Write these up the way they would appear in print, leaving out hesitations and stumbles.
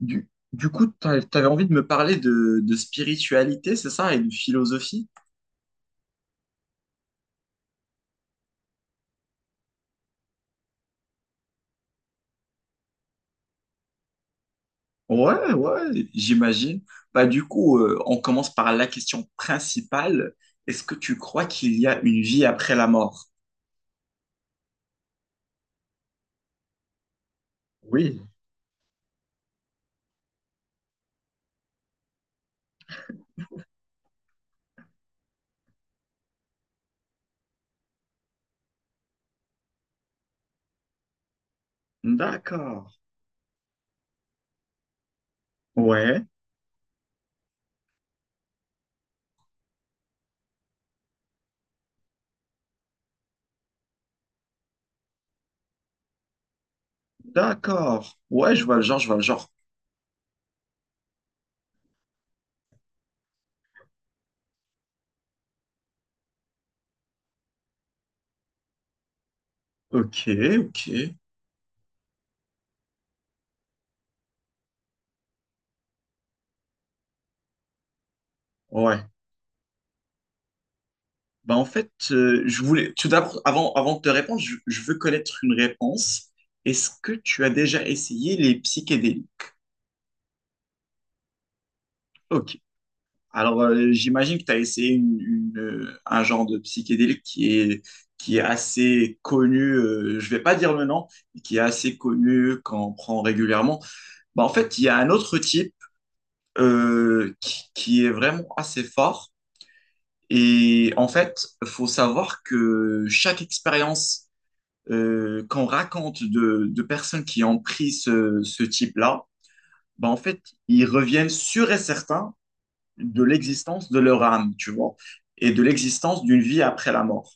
Du coup, t'avais envie de me parler de spiritualité, c'est ça, et de philosophie? Ouais, ouais, j'imagine. Bah, du coup, on commence par la question principale. Est-ce que tu crois qu'il y a une vie après la mort? Oui. D'accord. Ouais, d'accord. Ouais, je vois le genre, je vois le genre. Ok, ok. Ouais. Bah, en fait, je voulais, tout d'abord, avant de te répondre, je veux connaître une réponse. Est-ce que tu as déjà essayé les psychédéliques? Ok. Alors, j'imagine que tu as essayé un genre de psychédélique qui est assez connu, je vais pas dire le nom, mais qui est assez connu quand on prend régulièrement. Bah, en fait, il y a un autre type qui est vraiment assez fort. Et en fait, faut savoir que chaque expérience qu'on raconte de personnes qui ont pris ce type-là, bah, en fait, ils reviennent sûrs et certains de l'existence de leur âme, tu vois, et de l'existence d'une vie après la mort.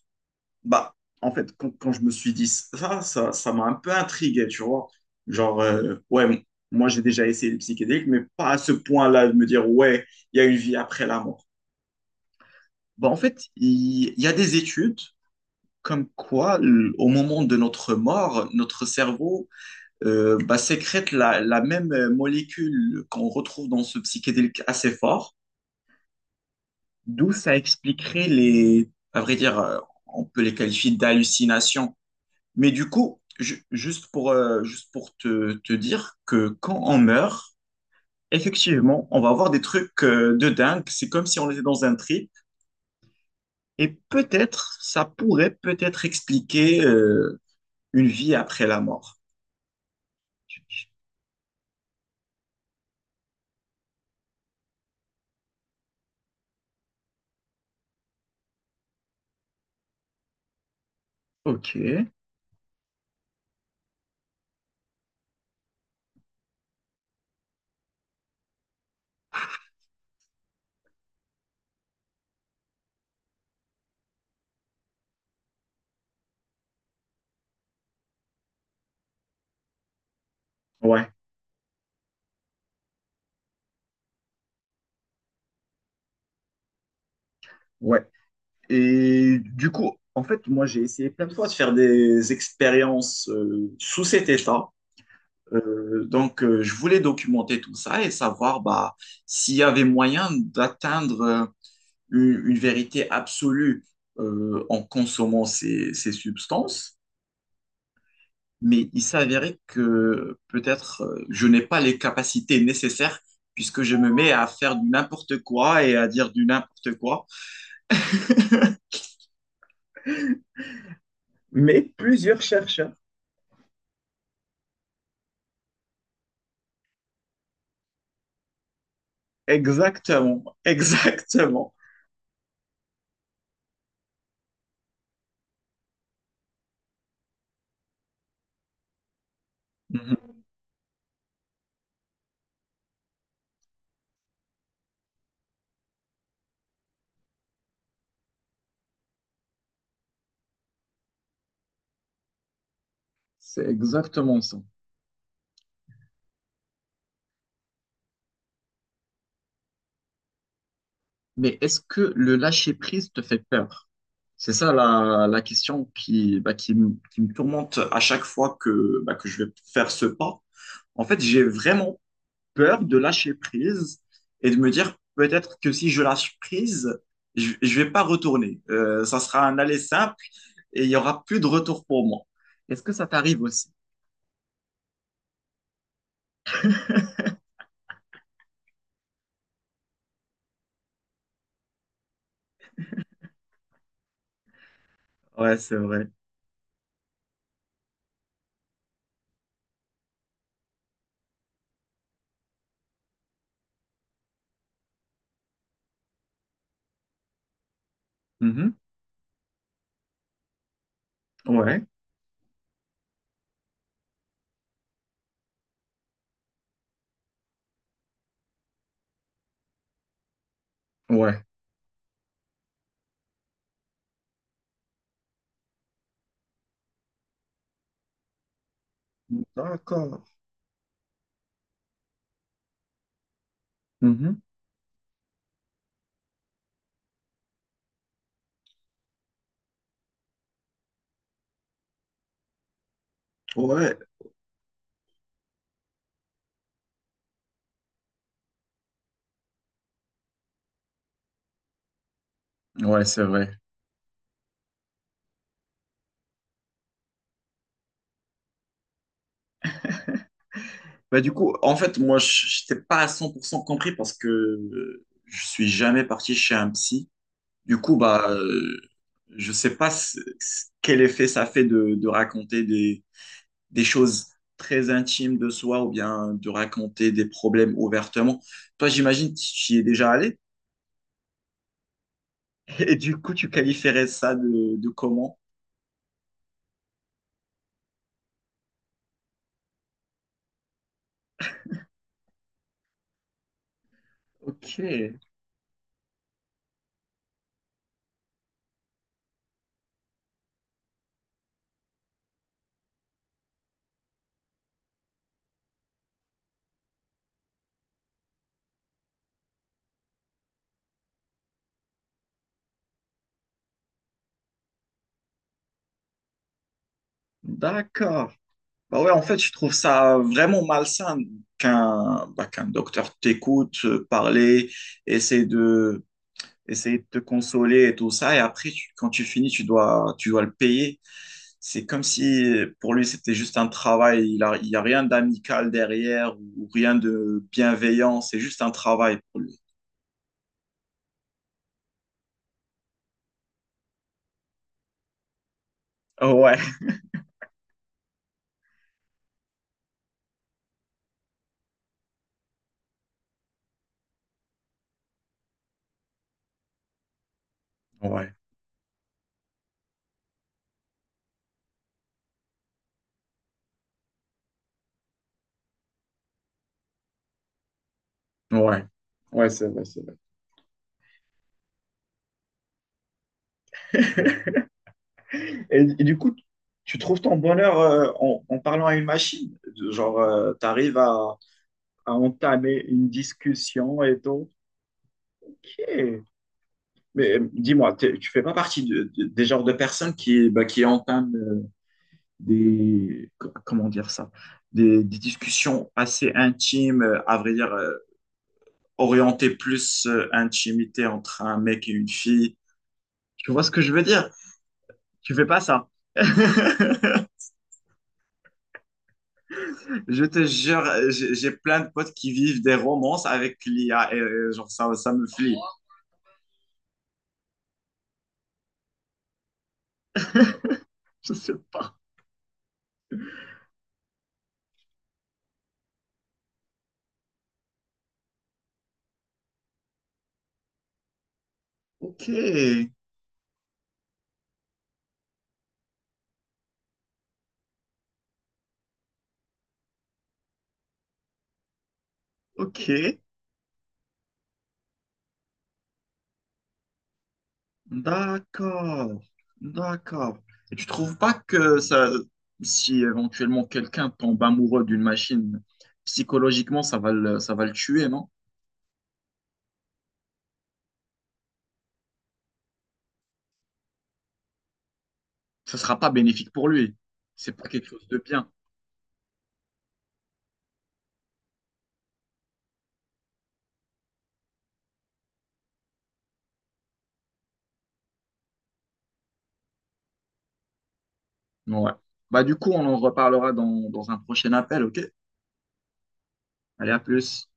Bah, en fait, quand je me suis dit ça, ça m'a un peu intrigué, tu vois. Genre, ouais, moi j'ai déjà essayé les psychédéliques, mais pas à ce point-là de me dire, ouais, il y a une vie après la mort. Bah, en fait, il y a des études comme quoi, au moment de notre mort, notre cerveau bah, sécrète la même molécule qu'on retrouve dans ce psychédélique assez fort. D'où ça expliquerait les, à vrai dire, on peut les qualifier d'hallucinations. Mais du coup, juste pour te dire que quand on meurt, effectivement, on va avoir des trucs de dingue. C'est comme si on était dans un trip. Et peut-être, ça pourrait peut-être expliquer une vie après la mort. Ok. Ouais, ouais. Et du coup, en fait, moi, j'ai essayé plein de fois de faire des expériences sous cet état. Donc, je voulais documenter tout ça et savoir bah, s'il y avait moyen d'atteindre une vérité absolue en consommant ces substances, mais il s'avérait que peut-être je n'ai pas les capacités nécessaires puisque je me mets à faire du n'importe quoi et à dire du n'importe quoi. Mais plusieurs chercheurs. Exactement, exactement. Mhm. C'est exactement ça. Mais est-ce que le lâcher-prise te fait peur? C'est ça la question bah, qui me tourmente à chaque fois bah, que je vais faire ce pas. En fait, j'ai vraiment peur de lâcher prise et de me dire peut-être que si je lâche prise, je ne vais pas retourner. Ça sera un aller simple et il n'y aura plus de retour pour moi. Est-ce que ça t'arrive aussi? Ouais, c'est vrai. Mhm. Ouais, ouais. D'accord. Mhm. Ouais, ouais, c'est vrai. Bah, du coup, en fait, moi, je n'étais pas à 100% compris parce que je suis jamais parti chez un psy. Du coup, bah, je sais pas quel effet ça fait de raconter des choses très intimes de soi ou bien de raconter des problèmes ouvertement. Toi, j'imagine que tu y es déjà allé et du coup, tu qualifierais ça de comment? Ok, d'accord. Bah ouais, en fait, je trouve ça vraiment malsain qu'un bah, qu'un docteur t'écoute parler, essaie de, essayer de te consoler et tout ça, et après, quand tu finis, tu dois le payer. C'est comme si pour lui, c'était juste un travail, il y a rien d'amical derrière ou rien de bienveillant, c'est juste un travail pour lui. Ouais, ouais, ouais, ouais, c'est vrai, c'est vrai. Et du coup, tu trouves ton bonheur en parlant à une machine? Genre, tu arrives à entamer une discussion et tout. Ok. Mais dis-moi, tu fais pas partie des genres de personnes bah, qui entament comment dire ça, des discussions assez intimes, à vrai dire, orientées plus intimité entre un mec et une fille. Tu vois ce que je veux dire? Tu fais pas ça. Je te jure, j'ai plein de potes qui vivent des romances avec l'IA et genre ça me flippe. Je sais pas. Ok, ok. D'accord, d'accord. Et tu trouves pas que ça, si éventuellement quelqu'un tombe amoureux d'une machine, psychologiquement, ça va le tuer, non? Ça sera pas bénéfique pour lui. C'est pas quelque chose de bien. Ouais. Bah, du coup, on en reparlera dans un prochain appel, ok? Allez, à plus.